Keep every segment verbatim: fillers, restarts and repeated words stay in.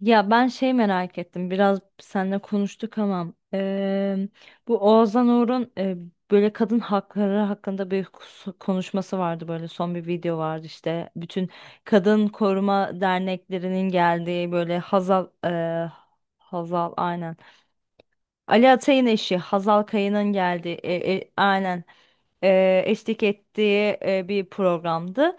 Ya ben şey merak ettim, biraz seninle konuştuk ama eee, bu Oğuzhan Uğur'un eee, böyle kadın hakları hakkında bir kus- konuşması vardı, böyle son bir video vardı. İşte bütün kadın koruma derneklerinin geldiği, böyle Hazal eee, Hazal aynen, Ali Atay'ın eşi Hazal Kaya'nın geldiği, e, e, aynen, e, eşlik ettiği e, bir programdı.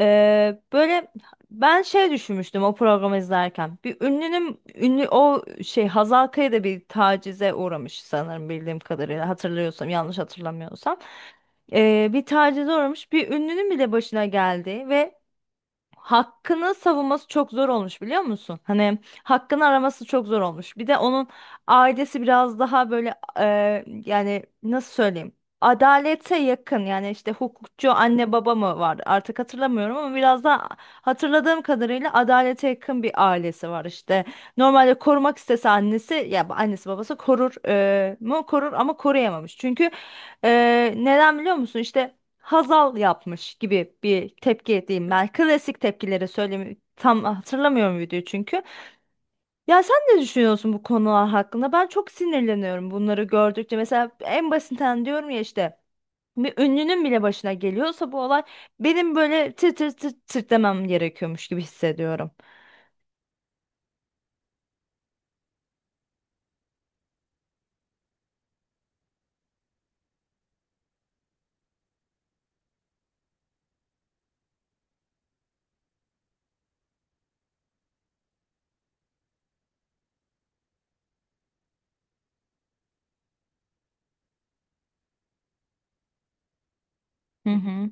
E, böyle ben şey düşünmüştüm o programı izlerken. Bir ünlünün ünlü o şey Hazal Kaya da bir tacize uğramış sanırım, bildiğim kadarıyla, hatırlıyorsam, yanlış hatırlamıyorsam. E, bir tacize uğramış, bir ünlünün bile başına geldi ve hakkını savunması çok zor olmuş, biliyor musun? Hani hakkını araması çok zor olmuş. Bir de onun ailesi biraz daha böyle e, yani nasıl söyleyeyim? Adalete yakın yani, işte hukukçu anne baba mı var, artık hatırlamıyorum, ama biraz daha hatırladığım kadarıyla adalete yakın bir ailesi var işte. Normalde korumak istese annesi, ya annesi babası korur, e, mu korur, ama koruyamamış. Çünkü e, neden biliyor musun? İşte Hazal yapmış gibi bir tepki diyeyim ben. Klasik tepkileri, söylemi tam hatırlamıyorum videoyu çünkü. Ya sen ne düşünüyorsun bu konular hakkında? Ben çok sinirleniyorum bunları gördükçe. Mesela en basitinden diyorum ya, işte bir ünlünün bile başına geliyorsa bu olay, benim böyle tır tır tır tır demem gerekiyormuş gibi hissediyorum. Hı hı.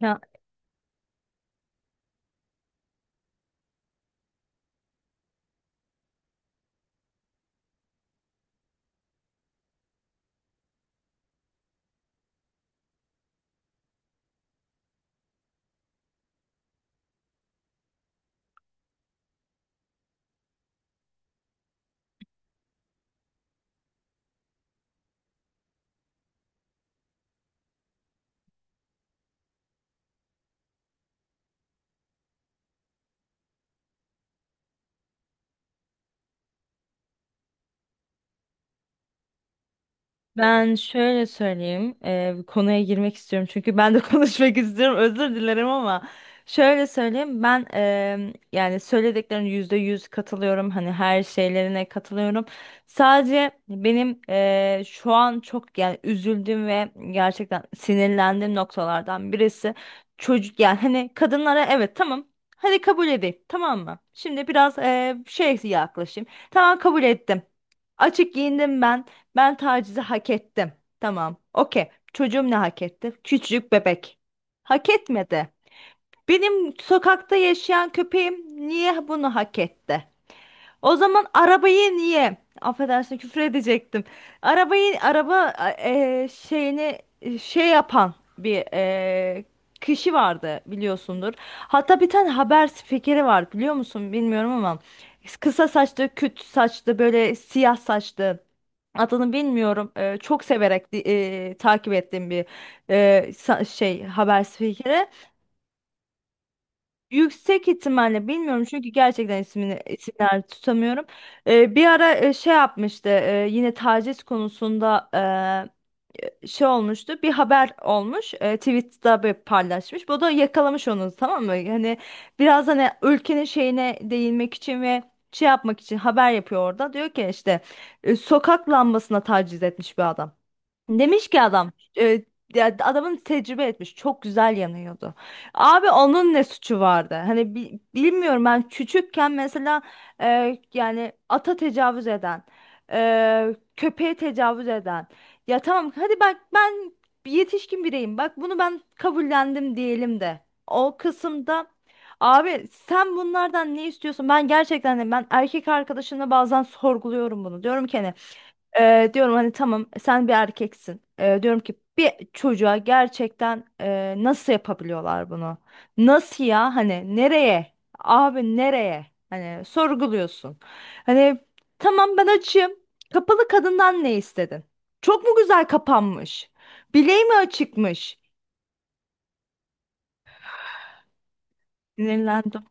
Ya, ben şöyle söyleyeyim, eee, bir konuya girmek istiyorum, çünkü ben de konuşmak istiyorum. Özür dilerim ama şöyle söyleyeyim, ben eee yani söylediklerin yüzde yüz katılıyorum. Hani her şeylerine katılıyorum. Sadece benim eee, şu an çok yani üzüldüğüm ve gerçekten sinirlendiğim noktalardan birisi çocuk, yani hani kadınlara evet, tamam. Hadi kabul edeyim, tamam mı? Şimdi biraz eee şey yaklaşayım. Tamam, kabul ettim. Açık giyindim ben. Ben tacizi hak ettim. Tamam. Okey. Çocuğum ne hak etti? Küçücük bebek. Hak etmedi. Benim sokakta yaşayan köpeğim niye bunu hak etti? O zaman arabayı niye? Affedersin, küfür edecektim. Arabayı, araba e, şeyini, e, şey yapan bir e, kişi vardı, biliyorsundur. Hatta bir tane haber spikeri var, biliyor musun bilmiyorum ama, kısa saçlı, küt saçlı, böyle siyah saçlı. Adını bilmiyorum. E, çok severek di- e, takip ettiğim bir e, sa- şey haber spikeri. Yüksek ihtimalle, bilmiyorum çünkü gerçekten ismini, isimler tutamıyorum. Ee, bir ara e, şey yapmıştı, e, yine taciz konusunda e, şey olmuştu, bir haber olmuş, e, Twitter'da bir paylaşmış. Bu da yakalamış onu, tamam mı? Hani biraz hani ülkenin şeyine değinmek için ve şey yapmak için haber yapıyor orada. Diyor ki işte e, sokak lambasına taciz etmiş bir adam. Demiş ki adam, e, ya adamın, tecrübe etmiş, çok güzel yanıyordu. Abi onun ne suçu vardı? Hani bi- bilmiyorum, ben küçükken mesela e, yani ata tecavüz eden, e, köpeğe tecavüz eden. Ya tamam, hadi bak, ben bir yetişkin bireyim. Bak, bunu ben kabullendim diyelim de. O kısımda, abi sen bunlardan ne istiyorsun? Ben gerçekten de, ben erkek arkadaşımla bazen sorguluyorum bunu. Diyorum ki hani ee, diyorum hani tamam, sen bir erkeksin. Ee, diyorum ki bir çocuğa gerçekten e, nasıl yapabiliyorlar bunu? Nasıl ya, hani nereye? Abi nereye? Hani sorguluyorsun. Hani tamam, ben açığım. Kapalı kadından ne istedin? Çok mu güzel kapanmış? Bileği mi açıkmış? Sinirlendim.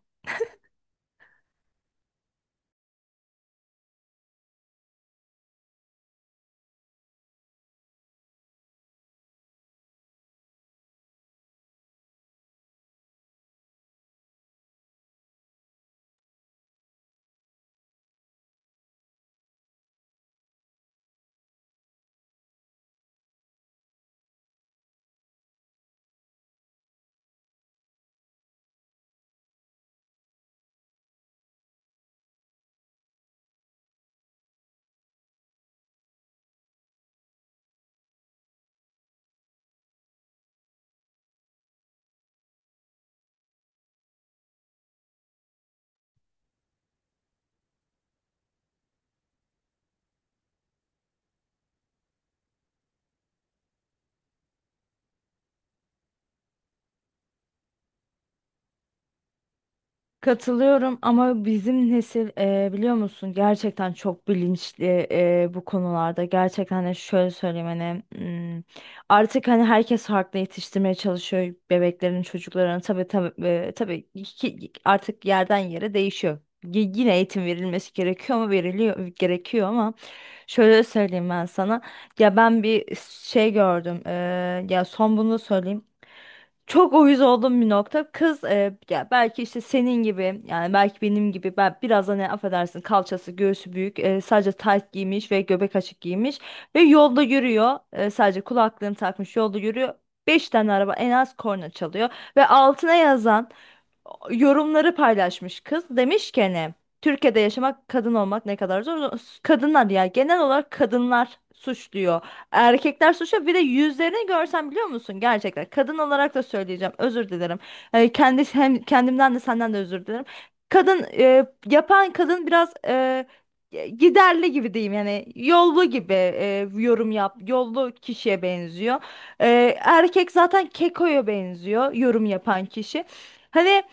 Katılıyorum ama bizim nesil e, biliyor musun, gerçekten çok bilinçli e, bu konularda. Gerçekten hani şöyle söyleyeyim hani, hmm, artık hani herkes farklı yetiştirmeye çalışıyor bebeklerin çocuklarını. Tabii tabii, e, tabii ki artık yerden yere değişiyor. Y- Yine eğitim verilmesi gerekiyor ama, veriliyor gerekiyor ama, şöyle söyleyeyim ben sana. Ya, ben bir şey gördüm. E, ya son bunu söyleyeyim. Çok uyuz olduğum bir nokta. Kız, e, ya belki işte senin gibi, yani belki benim gibi, ben biraz, hani affedersin, kalçası göğsü büyük, e, sadece tayt giymiş ve göbek açık giymiş ve yolda yürüyor. E, sadece kulaklığını takmış yolda yürüyor. Beş tane araba en az korna çalıyor, ve altına yazan yorumları paylaşmış kız. Demiş ki, hani Türkiye'de yaşamak, kadın olmak ne kadar zor. Kadınlar, ya genel olarak kadınlar suçluyor. Erkekler suçluyor. Bir de yüzlerini görsen, biliyor musun? Gerçekten kadın olarak da söyleyeceğim. Özür dilerim. Ee, kendi, hem kendimden de senden de özür dilerim. Kadın, e, yapan kadın biraz e, giderli gibi diyeyim, yani yollu gibi, e, yorum yap yollu kişiye benziyor. E, erkek zaten kekoya benziyor, yorum yapan kişi. Hani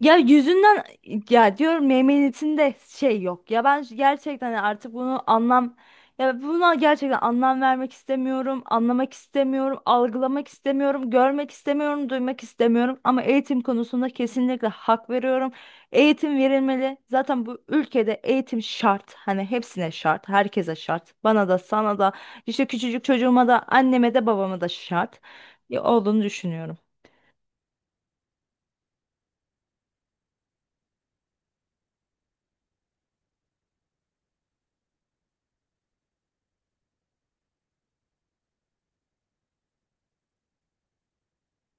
ya yüzünden, ya diyorum meymenetinde şey yok. Ya ben gerçekten artık bunu anlam, ya buna gerçekten anlam vermek istemiyorum, anlamak istemiyorum, algılamak istemiyorum, görmek istemiyorum, duymak istemiyorum. Ama eğitim konusunda kesinlikle hak veriyorum. Eğitim verilmeli. Zaten bu ülkede eğitim şart. Hani hepsine şart, herkese şart. Bana da, sana da, işte küçücük çocuğuma da, anneme de, babama da şart. Ya olduğunu düşünüyorum.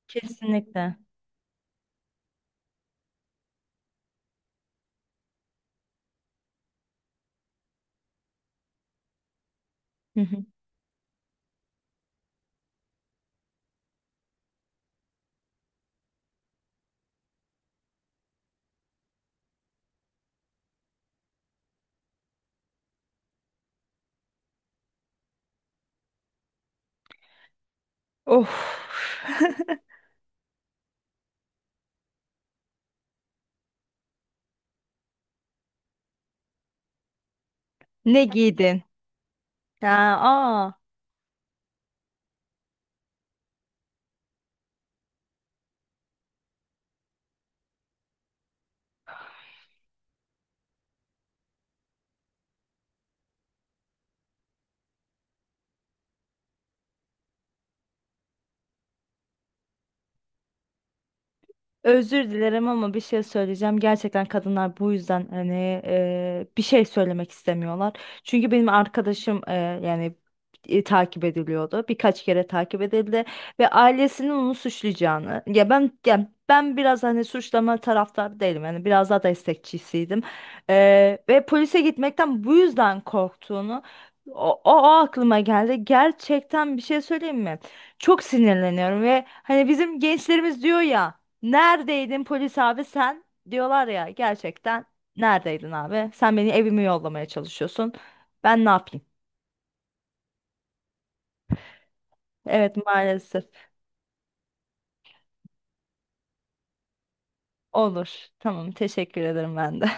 Kesinlikle. Hı hı. Of. Ne giydin? Ha, aa, özür dilerim ama bir şey söyleyeceğim. Gerçekten kadınlar bu yüzden hani e, bir şey söylemek istemiyorlar. Çünkü benim arkadaşım, e, yani e, takip ediliyordu. Birkaç kere takip edildi, ve ailesinin onu suçlayacağını. Ya ben ya ben biraz hani suçlama taraftarı değilim. Yani biraz daha destekçisiydim. E, Ve polise gitmekten bu yüzden korktuğunu, O, o, o aklıma geldi. Gerçekten bir şey söyleyeyim mi? Çok sinirleniyorum ve hani bizim gençlerimiz diyor ya, neredeydin polis abi sen? Diyorlar ya, gerçekten neredeydin abi? Sen beni evime yollamaya çalışıyorsun. Ben ne yapayım? Evet, maalesef. Olur. Tamam, teşekkür ederim ben de.